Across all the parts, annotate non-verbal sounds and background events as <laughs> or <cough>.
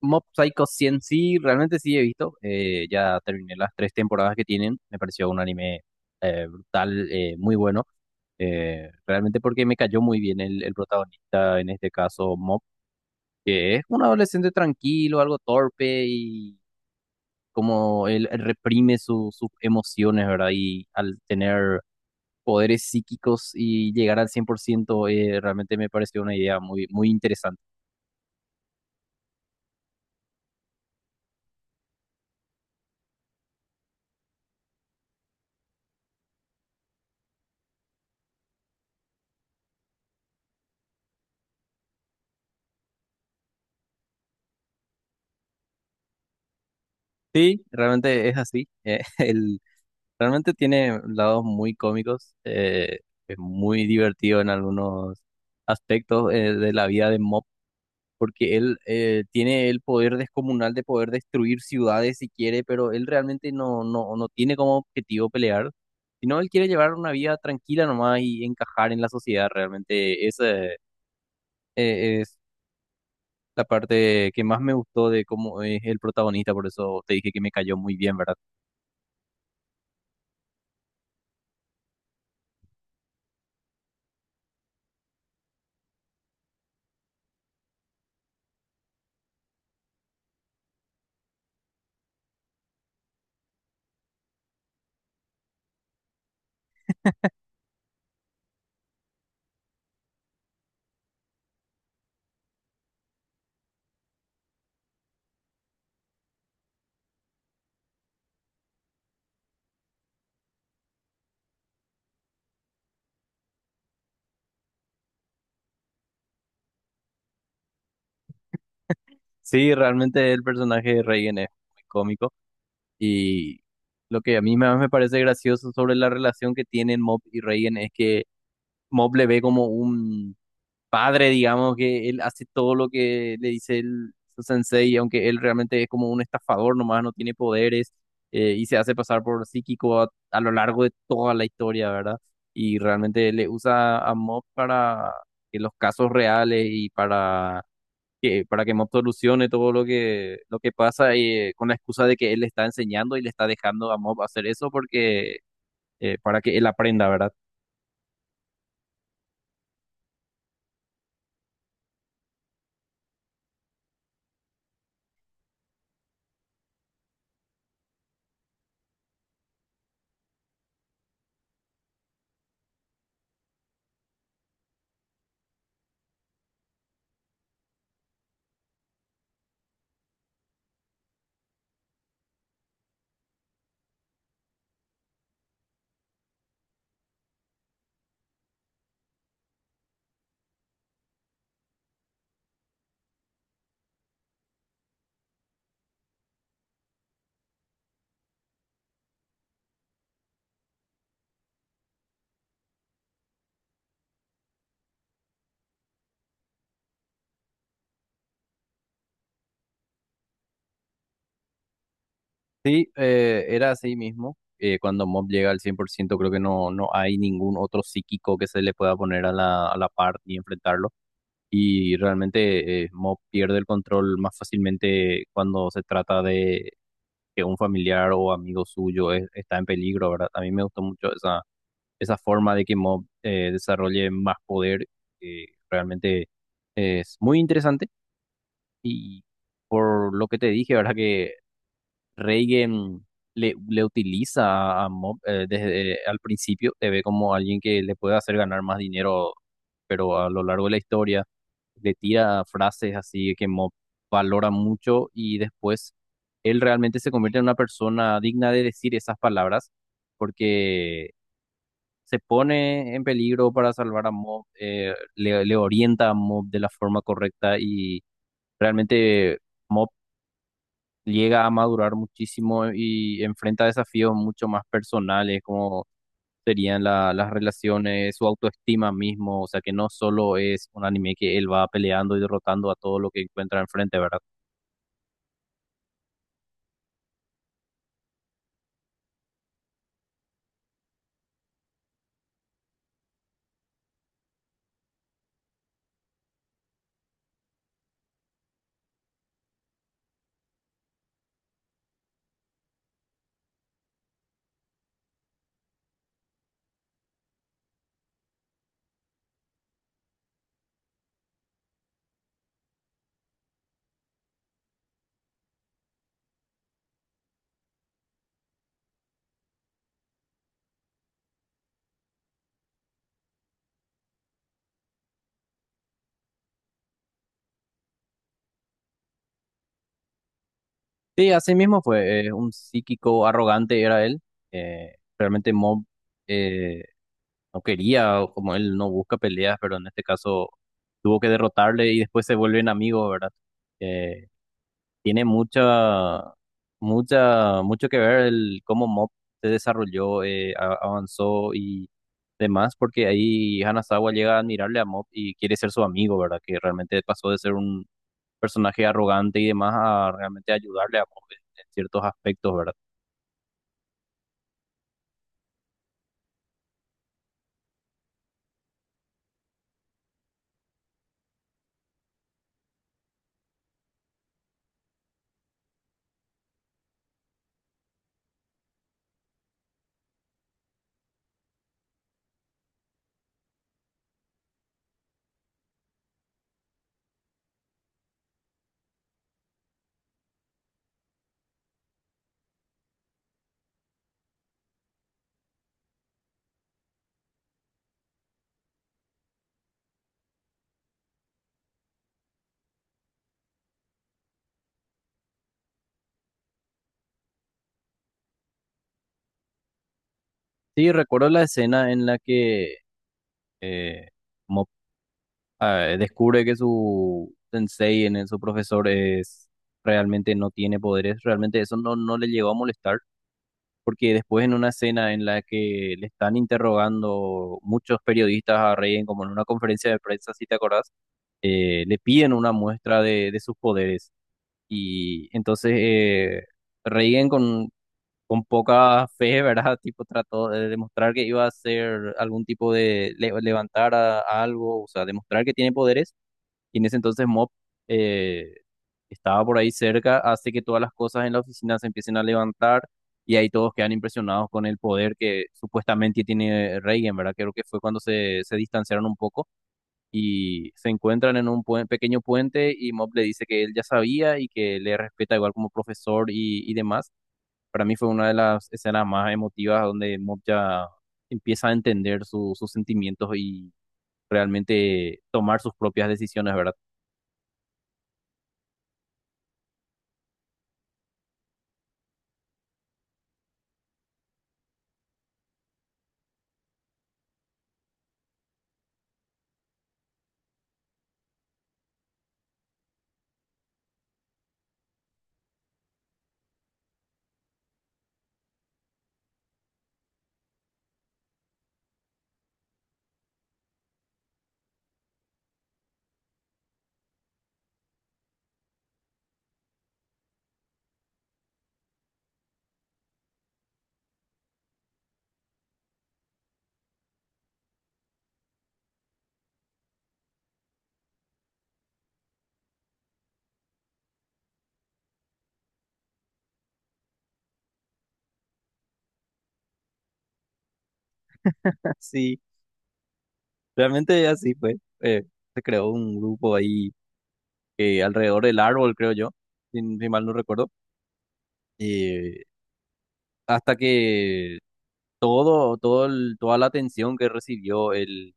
Mob Psycho 100 sí, realmente sí he visto. Ya terminé las tres temporadas que tienen. Me pareció un anime brutal, muy bueno. Realmente porque me cayó muy bien el protagonista, en este caso Mob, que es un adolescente tranquilo, algo torpe y como él reprime sus emociones, ¿verdad? Y al tener poderes psíquicos y llegar al 100%, realmente me pareció una idea muy, muy interesante. Sí, realmente es así. <laughs> El Realmente tiene lados muy cómicos, es muy divertido en algunos aspectos de la vida de Mob, porque él tiene el poder descomunal de poder destruir ciudades si quiere, pero él realmente no tiene como objetivo pelear, sino él quiere llevar una vida tranquila nomás y encajar en la sociedad. Realmente esa es la parte que más me gustó de cómo es el protagonista, por eso te dije que me cayó muy bien, ¿verdad? Sí, realmente el personaje de Reagan es muy cómico. Y lo que a mí más me parece gracioso sobre la relación que tienen Mob y Reagan es que Mob le ve como un padre, digamos, que él hace todo lo que le dice su sensei, aunque él realmente es como un estafador nomás, no tiene poderes y se hace pasar por psíquico a lo largo de toda la historia, ¿verdad? Y realmente le usa a Mob para que los casos reales y para para que Mob solucione todo lo lo que pasa con la excusa de que él le está enseñando y le está dejando a Mob hacer eso porque para que él aprenda, ¿verdad? Sí, era así mismo. Cuando Mob llega al 100% creo que no hay ningún otro psíquico que se le pueda poner a a la par y enfrentarlo. Y realmente Mob pierde el control más fácilmente cuando se trata de que un familiar o amigo suyo está en peligro, ¿verdad? A mí me gustó mucho esa forma de que Mob desarrolle más poder realmente es muy interesante y por lo que te dije, ¿verdad? Que Reigen le utiliza a Mob desde al principio, te ve como alguien que le puede hacer ganar más dinero, pero a lo largo de la historia le tira frases así que Mob valora mucho y después él realmente se convierte en una persona digna de decir esas palabras porque se pone en peligro para salvar a Mob, le orienta a Mob de la forma correcta y realmente Mob llega a madurar muchísimo y enfrenta desafíos mucho más personales, como serían las relaciones, su autoestima mismo, o sea que no solo es un anime que él va peleando y derrotando a todo lo que encuentra enfrente, ¿verdad? Sí, así mismo fue, un psíquico arrogante era él, realmente Mob... eh, no quería, o como él no busca peleas, pero en este caso tuvo que derrotarle y después se vuelven amigos, ¿verdad? Eh, tiene mucho que ver el cómo Mob se desarrolló, avanzó y demás, porque ahí Hanazawa llega a admirarle a Mob y quiere ser su amigo, ¿verdad? Que realmente pasó de ser un personaje arrogante y demás a realmente ayudarle a Mob en ciertos aspectos, ¿verdad? Sí, recuerdo la escena en la que eh, descubre que su sensei, su profesor, es, realmente no tiene poderes, realmente eso no le llegó a molestar, porque después en una escena en la que le están interrogando muchos periodistas a Reien, como en una conferencia de prensa, si te acordás, le piden una muestra de sus poderes. Y entonces Reien con poca fe, ¿verdad? <laughs> Tipo trató de demostrar que iba a hacer algún tipo de levantar a algo, o sea, demostrar que tiene poderes y en ese entonces Mop eh, estaba por ahí cerca, hace que todas las cosas en la oficina se empiecen a levantar y ahí todos quedan impresionados con el poder que supuestamente tiene Reagan, ¿verdad? Creo que fue cuando se distanciaron un poco y se encuentran en un pequeño puente y Mop le dice que él ya sabía y que le respeta igual como profesor y demás. Para mí fue una de las escenas más emotivas donde Mop ya empieza a entender sus sentimientos y realmente tomar sus propias decisiones, ¿verdad? <laughs> Sí, realmente así fue. eh, Se creó un grupo ahí alrededor del árbol, creo yo, si mal no recuerdo. eh, Hasta que todo toda la atención que recibió el,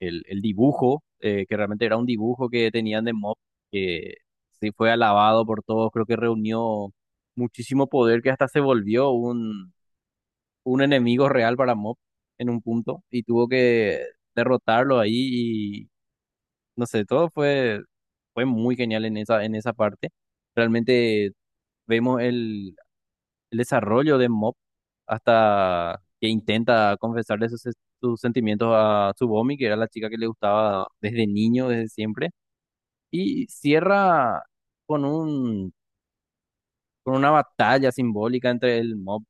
el, el dibujo, que realmente era un dibujo que tenían de Mob, que sí fue alabado por todos, creo que reunió muchísimo poder que hasta se volvió un enemigo real para Mob en un punto y tuvo que derrotarlo ahí, no sé, fue muy genial en en esa parte. Realmente vemos el desarrollo de Mop hasta que intenta confesarle sus sentimientos a Tsubomi, que era la chica que le gustaba desde niño, desde siempre. Y cierra con un, con una batalla simbólica entre el Mob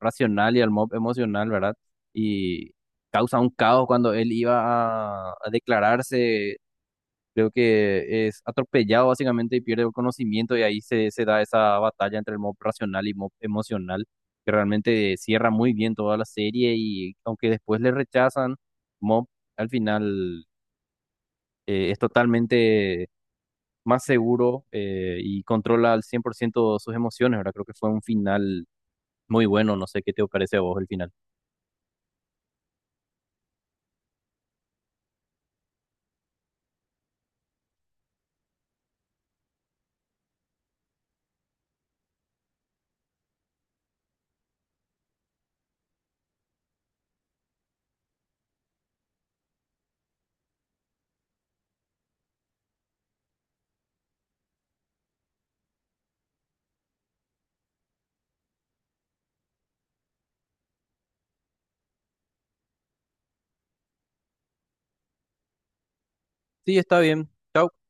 racional y el Mob emocional, ¿verdad? Y causa un caos cuando él iba a declararse. Creo que es atropellado básicamente y pierde el conocimiento y ahí se da esa batalla entre el Mob racional y Mob emocional, que realmente cierra muy bien toda la serie y aunque después le rechazan, Mob al final es totalmente más seguro y controla al 100% sus emociones, ¿verdad? Creo que fue un final muy bueno, no sé qué te parece a vos el final. Sí, está bien. Chao.